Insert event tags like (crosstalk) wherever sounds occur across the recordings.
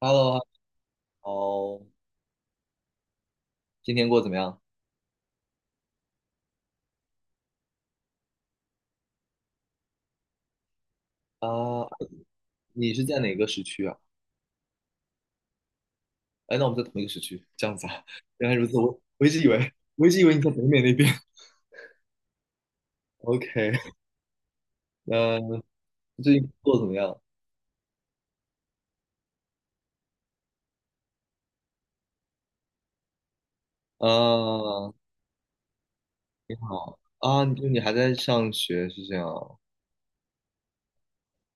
Hello，哦，今天过得怎么样？啊、你是在哪个时区啊？哎，那我们在同一个时区，这样子啊？原来如此，我一直以为，我一直以为你在北美那边。(laughs) OK，那最近过得怎么样？啊啊，就你还在上学是这样啊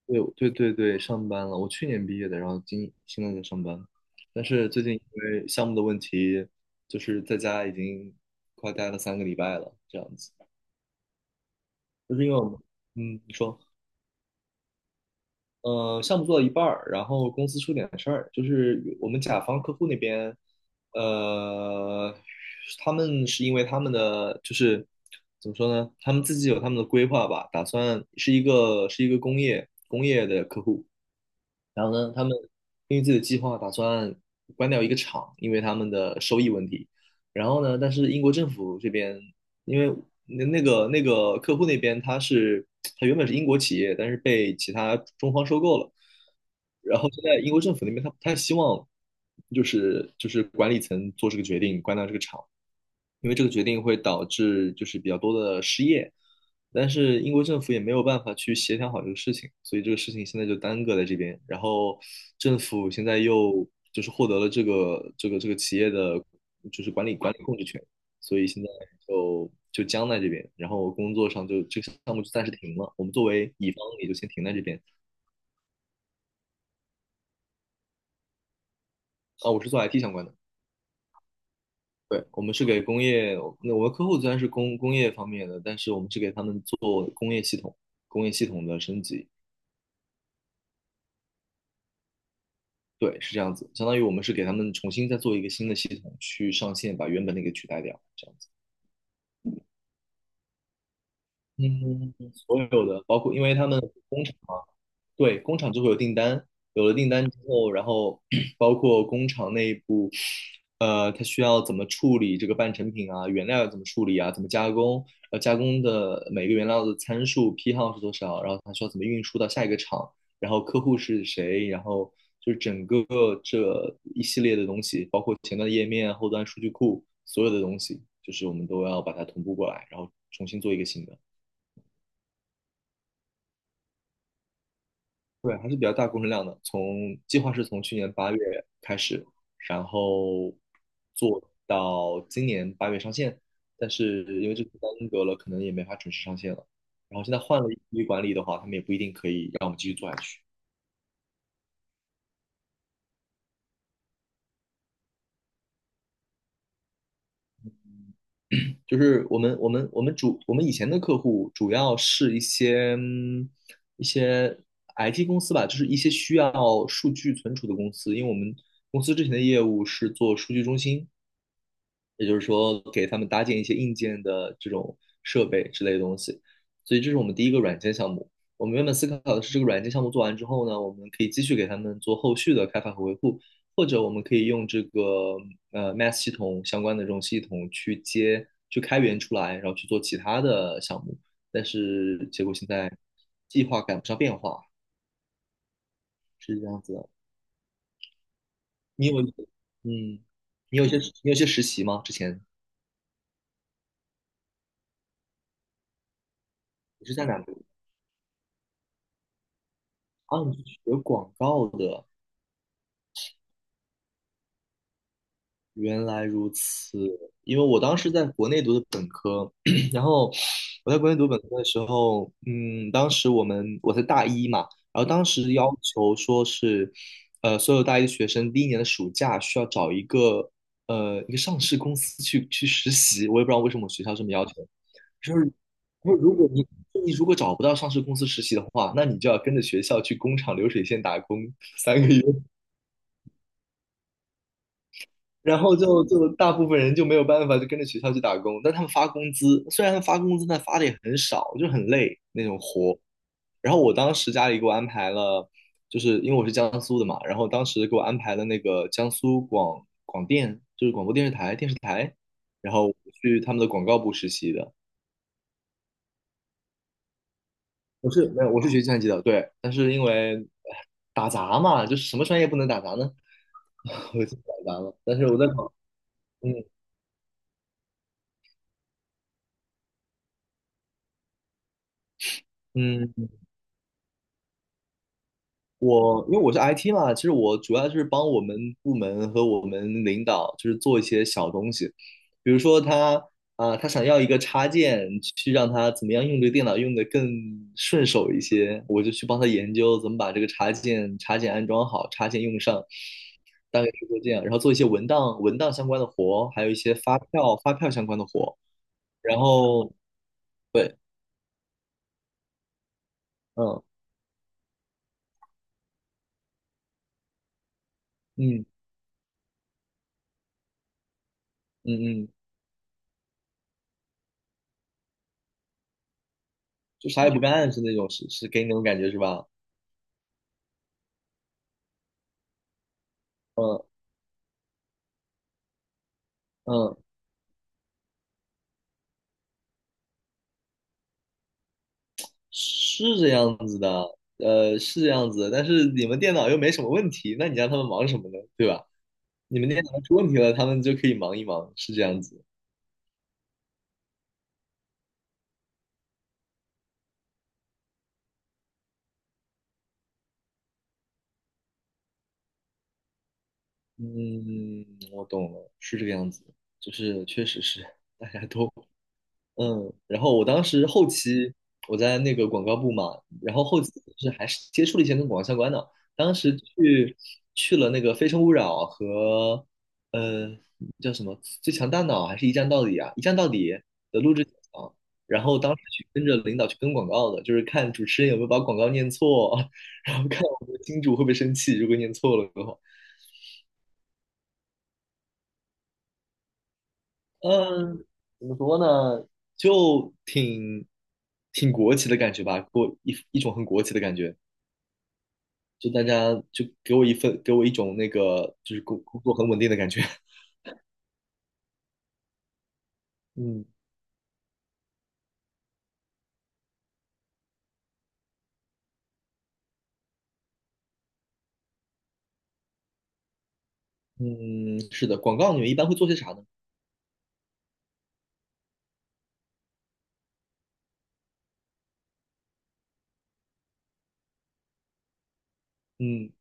对对对对，上班了。我去年毕业的，然后今现在在上班，但是最近因为项目的问题，就是在家已经快待了三个礼拜了，这样子。就是因为我们，嗯，你说。呃，项目做到一半儿，然后公司出点事儿，就是我们甲方客户那边，呃，他们是因为他们的就是怎么说呢，他们自己有他们的规划吧，打算是一个是一个工业的客户，然后呢，他们根据自己的计划打算关掉一个厂，因为他们的收益问题，然后呢，但是英国政府这边。因为那个客户那边他原本是英国企业，但是被其他中方收购了，然后现在英国政府那边他不太希望，就是管理层做这个决定关掉这个厂，因为这个决定会导致就是比较多的失业，但是英国政府也没有办法去协调好这个事情，所以这个事情现在就耽搁在这边。然后政府现在又就是获得了这个企业的，就是管理控制权，所以现在就僵在这边，然后工作上就这个项目就暂时停了。我们作为乙方也就先停在这边。啊，我是做 IT 相关的，对，我们是给工业，那我的客户虽然是工工业方面的，但是我们是给他们做工业系统、工业系统的升级，对，是这样子，相当于我们是给他们重新再做一个新的系统去上线，把原本那个取代掉，这样子。嗯，所有的包括因为他们工厂嘛，对，工厂就会有订单，有了订单之后，然后 (clears throat) 包括工厂内部，呃，它需要怎么处理这个半成品啊，原料要怎么处理啊，怎么加工，呃，加工的每个原料的参数批号是多少，然后它需要怎么运输到下一个厂，然后客户是谁，然后就是整个这一系列的东西，包括前端页面、后端数据库，所有的东西，就是我们都要把它同步过来，然后重新做一个新的。对，还是比较大工程量的。从计划是从去年八月开始，然后做到今年八月上线，但是因为这次耽搁了，可能也没法准时上线了。然后现在换了一批管理的话，他们也不一定可以让我们继续做下去。就是我们以前的客户主要是一些嗯一些 IT 公司吧，就是一些需要数据存储的公司，因为我们公司之前的业务是做数据中心，也就是说给他们搭建一些硬件的这种设备之类的东西。所以这是我们第一个软件项目。我们原本思考的是，这个软件项目做完之后呢，我们可以继续给他们做后续的开发和维护，或者我们可以用这个Math 系统相关的这种系统去接、去开源出来，然后去做其他的项目。但是结果现在计划赶不上变化，是这样子的。你有，嗯，你有一些你有一些实习吗？之前你是在哪里？啊，你是学广告的，原来如此。因为我当时在国内读的本科，(clears throat) 然后我在国内读本科的时候，嗯，当时我在大一嘛，然后当时要求说是，呃，所有大一的学生第一年的暑假需要找一个一个上市公司去实习，我也不知道为什么我学校这么要求，就是说如果你你如果找不到上市公司实习的话，那你就要跟着学校去工厂流水线打工三个月。然后就大部分人就没有办法，就跟着学校去打工。但他们发工资，虽然发工资，但发的也很少，就很累那种活。然后我当时家里给我安排了，就是因为我是江苏的嘛，然后当时给我安排了那个江苏广广电，就是广播电视台，然后我去他们的广告部实习的。我是没有，我是学计算机的，对。但是因为哎打杂嘛，就是什么专业不能打杂呢？(laughs) 我就打杂了。但是我在考，嗯嗯我因为我是 IT 嘛，其实我主要就是帮我们部门和我们领导，就是做一些小东西，比如说他他想要一个插件，去让他怎么样用这个电脑用的更顺手一些，我就去帮他研究怎么把这个插件安装好，插件用上，大概是做这样，然后做一些文档相关的活，还有一些发票相关的活，然后对，嗯嗯嗯嗯，就啥也不干是那种，是给你那种感觉是吧？嗯嗯。是这样子的，呃，是这样子的但是你们电脑又没什么问题，那你让他们忙什么呢？对吧？你们电脑出问题了，他们就可以忙一忙，是这样子。嗯，我懂了，是这个样子，就是确实是大家都嗯，然后我当时后期我在那个广告部嘛，然后后期是还是接触了一些跟广告相关的。当时去去了那个《非诚勿扰》和呃叫什么《最强大脑》还是一站到底啊，《一站到底》的录制现场然后当时去跟着领导去跟广告的，就是看主持人有没有把广告念错，(laughs) 然后看我们的金主会不会生气，如果念错了的话。嗯，怎么说呢？就挺国企的感觉吧，给我一种很国企的感觉，就大家就给我一份，给我一种那个就是工工作很稳定的感觉。(laughs) 嗯嗯，是的，广告你们一般会做些啥呢？嗯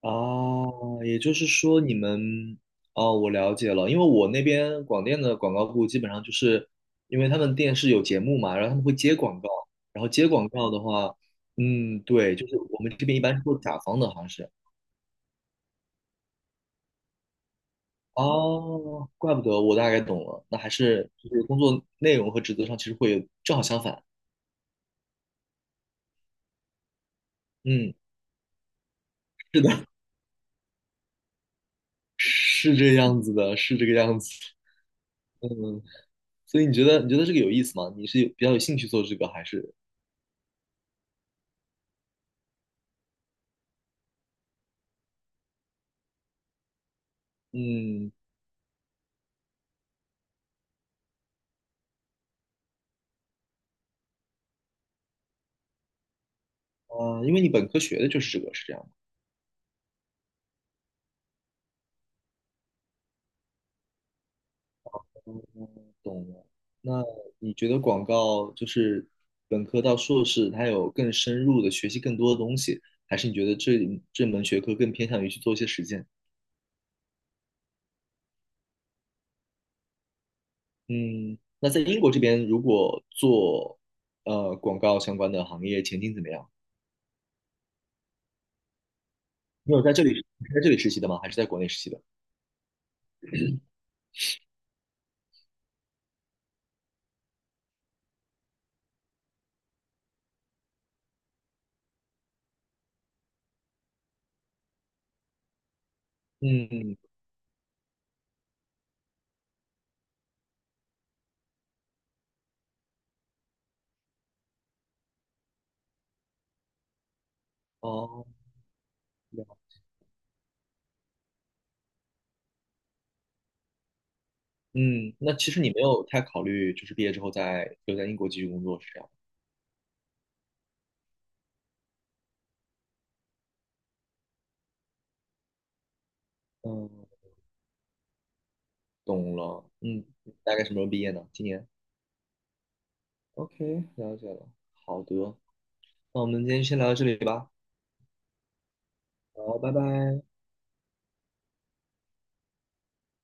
啊，也就是说你们哦，我了解了，因为我那边广电的广告部基本上就是因为他们电视有节目嘛，然后他们会接广告，然后接广告的话，嗯，对，就是我们这边一般是做甲方的，好像是。哦，怪不得我大概懂了，那还是就是工作内容和职责上其实会有正好相反。嗯，是的，(laughs) 是这个样子的，是这个样子。嗯，所以你觉得这个有意思吗？你是有比较有兴趣做这个，还是嗯啊，因为你本科学的就是这个，是这样吗懂了。那你觉得广告就是本科到硕士，它有更深入的学习更多的东西，还是你觉得这门学科更偏向于去做一些实践？嗯，那在英国这边，如果做呃广告相关的行业，前景怎么样？你有在这里你是在这里实习的吗？还是在国内实习的？嗯，哦，了嗯，那其实你没有太考虑，就是毕业之后在留在英国继续工作，是这样？嗯，懂了。嗯，大概什么时候毕业呢？今年？OK，了解了。好的，那我们今天先聊到这里吧。好，拜拜。